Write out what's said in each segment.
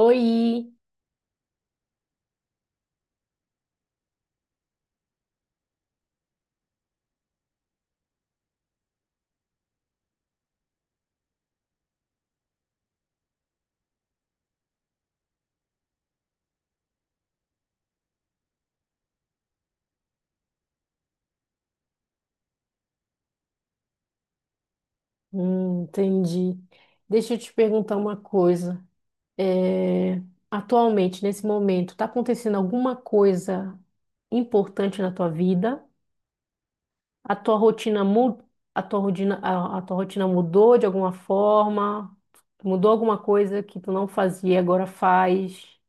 Oi. Entendi. Deixa eu te perguntar uma coisa. É, Atualmente, nesse momento, está acontecendo alguma coisa importante na tua vida? A tua rotina mu- a tua rotina mudou de alguma forma? Mudou alguma coisa que tu não fazia e agora faz?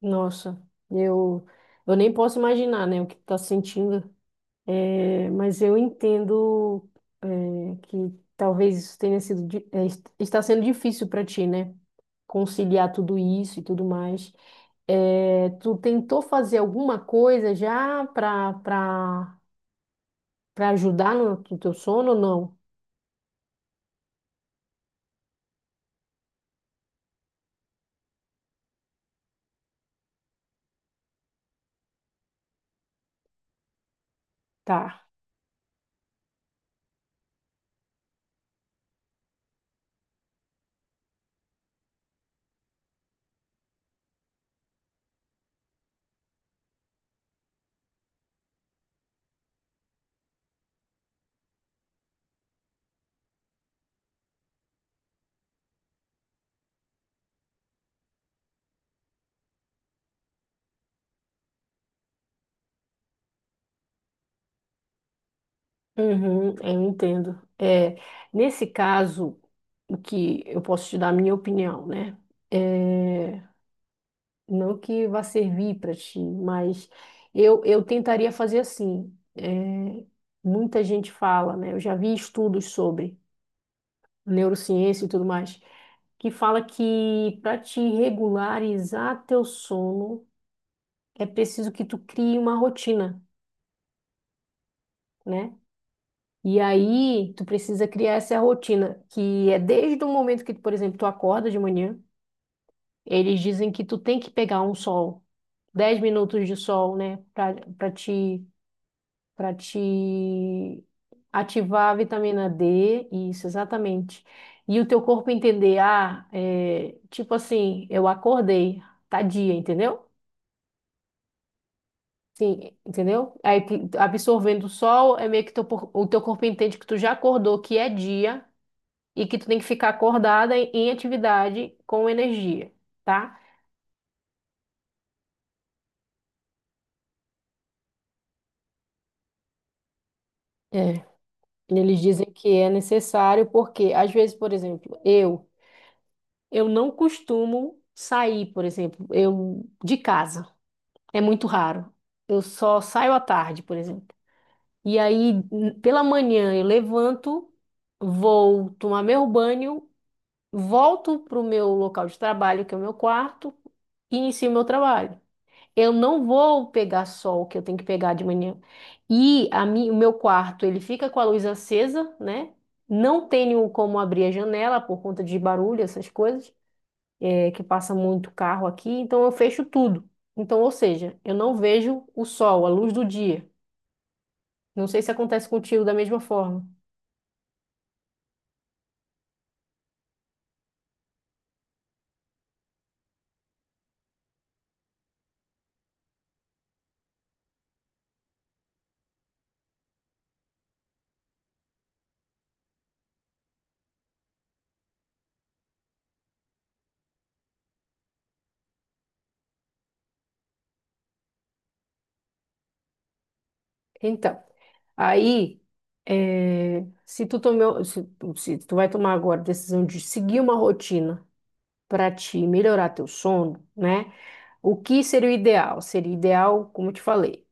Nossa, eu eu nem posso imaginar, né, o que tu tá sentindo. Mas eu entendo, que talvez isso tenha sido, está sendo difícil para ti, né? Conciliar tudo isso e tudo mais. É, tu tentou fazer alguma coisa já para ajudar no teu sono ou não? Tá. Uhum, eu entendo. Nesse caso, o que eu posso te dar a minha opinião, né? É, Não que vá servir para ti, mas eu tentaria fazer assim. Muita gente fala, né? Eu já vi estudos sobre neurociência e tudo mais, que fala que para te regularizar teu sono é preciso que tu crie uma rotina, né? E aí tu precisa criar essa rotina, que é desde o momento que, por exemplo, tu acorda de manhã, eles dizem que tu tem que pegar um sol, 10 minutos de sol, né? Para te ativar a vitamina D, isso, exatamente. E o teu corpo entender, ah, é, tipo assim, eu acordei, tá dia, entendeu? Sim, entendeu? Aí absorvendo o sol, é meio que o teu corpo entende que tu já acordou, que é dia, e que tu tem que ficar acordada em atividade com energia, tá? É, eles dizem que é necessário porque, às vezes, por exemplo. Eu não costumo sair, por exemplo, eu de casa. É muito raro. Eu só saio à tarde, por exemplo. E aí, pela manhã, eu levanto, vou tomar meu banho, volto para o meu local de trabalho, que é o meu quarto, e inicio meu trabalho. Eu não vou pegar sol, que eu tenho que pegar de manhã. E o meu quarto, ele fica com a luz acesa, né? Não tenho como abrir a janela por conta de barulho, essas coisas é que passa muito carro aqui, então eu fecho tudo. Então, ou seja, eu não vejo o sol, a luz do dia. Não sei se acontece contigo da mesma forma. Então, aí, eh, se tu tomou, se, se tu vai tomar agora a decisão de seguir uma rotina para te melhorar teu sono, né? O que seria o ideal? Seria ideal, como eu te falei.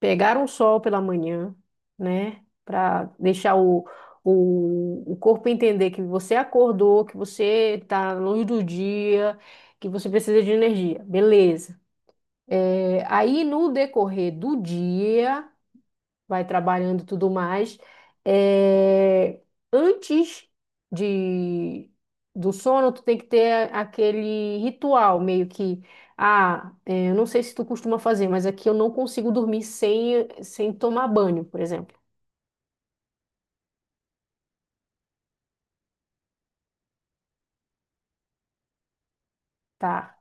Pegar um sol pela manhã, né? Para deixar o corpo entender que você acordou, que você está na luz do dia, que você precisa de energia. Beleza. É, aí, no decorrer do dia vai trabalhando e tudo mais. É, antes de, do sono, tu tem que ter aquele ritual, meio que, ah, é, eu não sei se tu costuma fazer, mas aqui eu não consigo dormir sem tomar banho, por exemplo. Tá,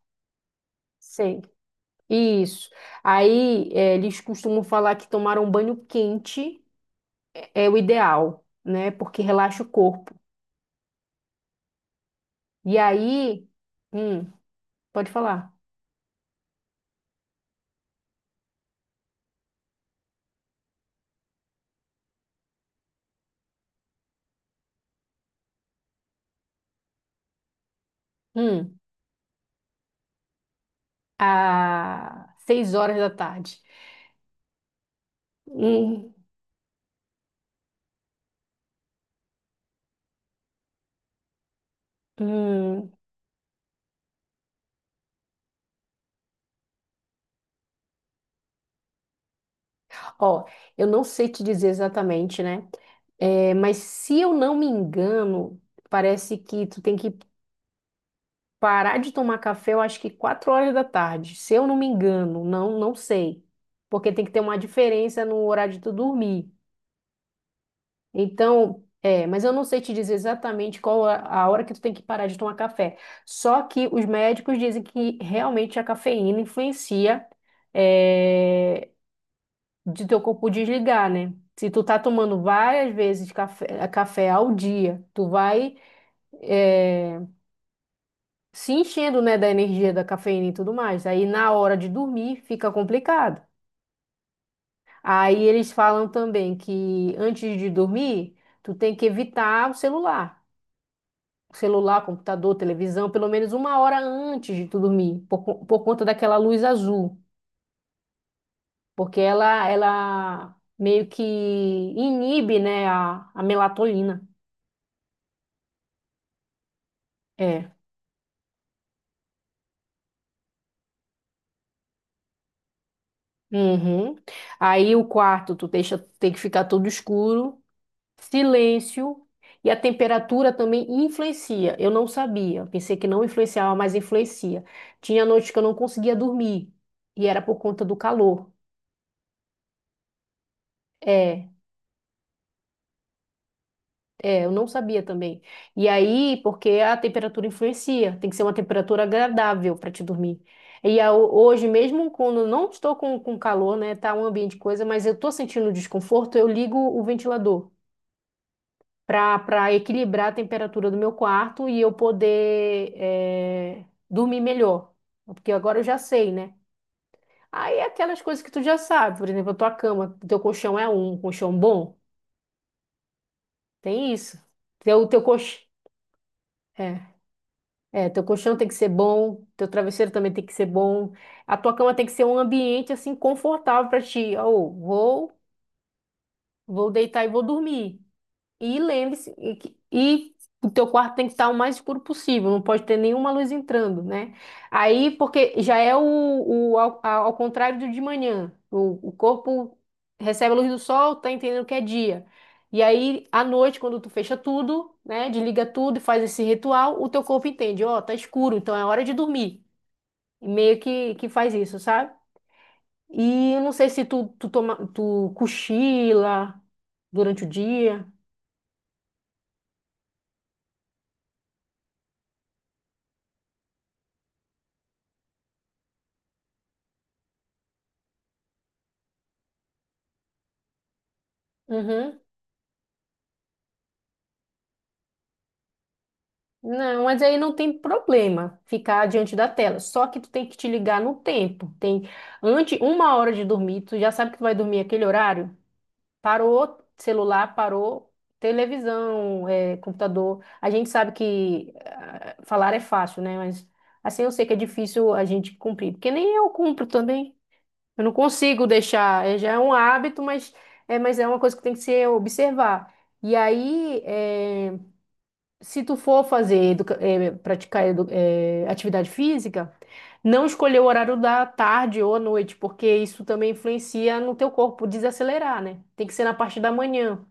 sei. Isso. Aí, é, eles costumam falar que tomar um banho quente é o ideal, né? Porque relaxa o corpo. E aí, hum, pode falar. Hum. A 6 horas da tarde. Hum, hum. Ó, eu não sei te dizer exatamente, né? É, mas se eu não me engano, parece que tu tem que parar de tomar café, eu acho que 4 horas da tarde. Se eu não me engano, não, não sei. Porque tem que ter uma diferença no horário de tu dormir. Então, é, mas eu não sei te dizer exatamente qual a hora que tu tem que parar de tomar café. Só que os médicos dizem que realmente a cafeína influencia, é, de teu corpo desligar, né? Se tu tá tomando várias vezes café ao dia, tu vai, é, se enchendo, né, da energia da cafeína e tudo mais. Aí na hora de dormir fica complicado. Aí eles falam também que antes de dormir, tu tem que evitar o celular. Celular, computador, televisão, pelo menos 1 hora antes de tu dormir, por conta daquela luz azul, porque ela meio que inibe, né, a melatonina. É. Uhum. Aí o quarto, tu deixa, tem que ficar todo escuro, silêncio, e a temperatura também influencia. Eu não sabia, pensei que não influenciava, mas influencia. Tinha noites que eu não conseguia dormir, e era por conta do calor. É. Eu não sabia também. E aí, porque a temperatura influencia, tem que ser uma temperatura agradável para te dormir. E hoje, mesmo quando eu não estou com, calor, né, tá um ambiente coisa, mas eu tô sentindo desconforto, eu ligo o ventilador para equilibrar a temperatura do meu quarto e eu poder dormir melhor. Porque agora eu já sei, né? Aí é aquelas coisas que tu já sabe, por exemplo, a tua cama, teu colchão é um colchão bom, tem isso. Teu colchão. É, teu colchão tem que ser bom, teu travesseiro também tem que ser bom. A tua cama tem que ser um ambiente assim confortável para ti. Ou vou, vou deitar e vou dormir. E lembre-se e o teu quarto tem que estar o mais escuro possível, não pode ter nenhuma luz entrando, né? Aí, porque já é ao contrário do de manhã. O corpo recebe a luz do sol, tá entendendo que é dia. E aí, à noite, quando tu fecha tudo, né, desliga tudo e faz esse ritual, o teu corpo entende, ó, tá escuro, então é hora de dormir. E meio que faz isso, sabe? E eu não sei se tu cochila durante o dia. Uhum. Não, mas aí não tem problema ficar diante da tela. Só que tu tem que te ligar no tempo. Tem antes uma hora de dormir, tu já sabe que tu vai dormir aquele horário. Parou celular, parou televisão, eh, computador. A gente sabe que ah, falar é fácil, né? Mas assim eu sei que é difícil a gente cumprir, porque nem eu cumpro também. Eu não consigo deixar. Já é um hábito, mas mas é uma coisa que tem que ser observar. E aí, se tu for fazer, praticar atividade física, não escolher o horário da tarde ou à noite, porque isso também influencia no teu corpo desacelerar, né? Tem que ser na parte da manhã.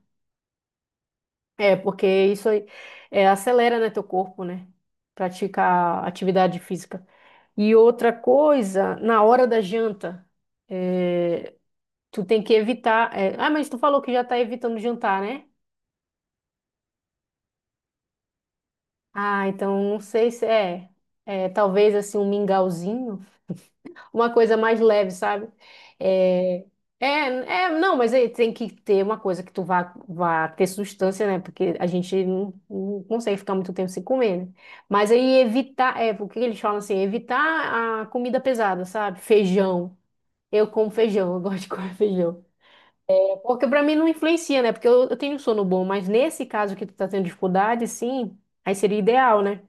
É, porque isso aí, acelera, né, teu corpo, né? Praticar atividade física. E outra coisa, na hora da janta, eh, tu tem que evitar. Ah, mas tu falou que já tá evitando jantar, né? Ah, então não sei se é talvez assim um mingauzinho. Uma coisa mais leve, sabe? É, é, não, mas aí tem que ter uma coisa que tu vá ter substância, né? Porque a gente não consegue ficar muito tempo sem comer, né? Mas aí evitar, é, porque eles falam assim, evitar a comida pesada, sabe? Feijão. Eu como feijão, eu gosto de comer feijão. Porque pra mim não influencia, né? Porque eu tenho um sono bom, mas nesse caso que tu tá tendo dificuldade, sim, aí seria ideal, né?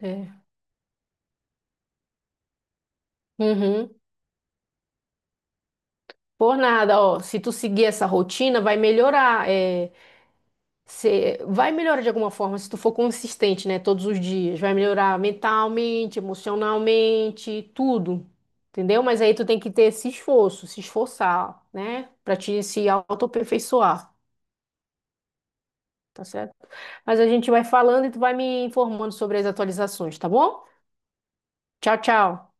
É. Uhum. Por nada, ó. Se tu seguir essa rotina, vai melhorar. Você vai melhorar de alguma forma se tu for consistente, né? Todos os dias. Vai melhorar mentalmente, emocionalmente, tudo. Entendeu? Mas aí tu tem que ter esse esforço, se esforçar, né? Pra te se autoaperfeiçoar, tá certo? Mas a gente vai falando e tu vai me informando sobre as atualizações, tá bom? Tchau, tchau.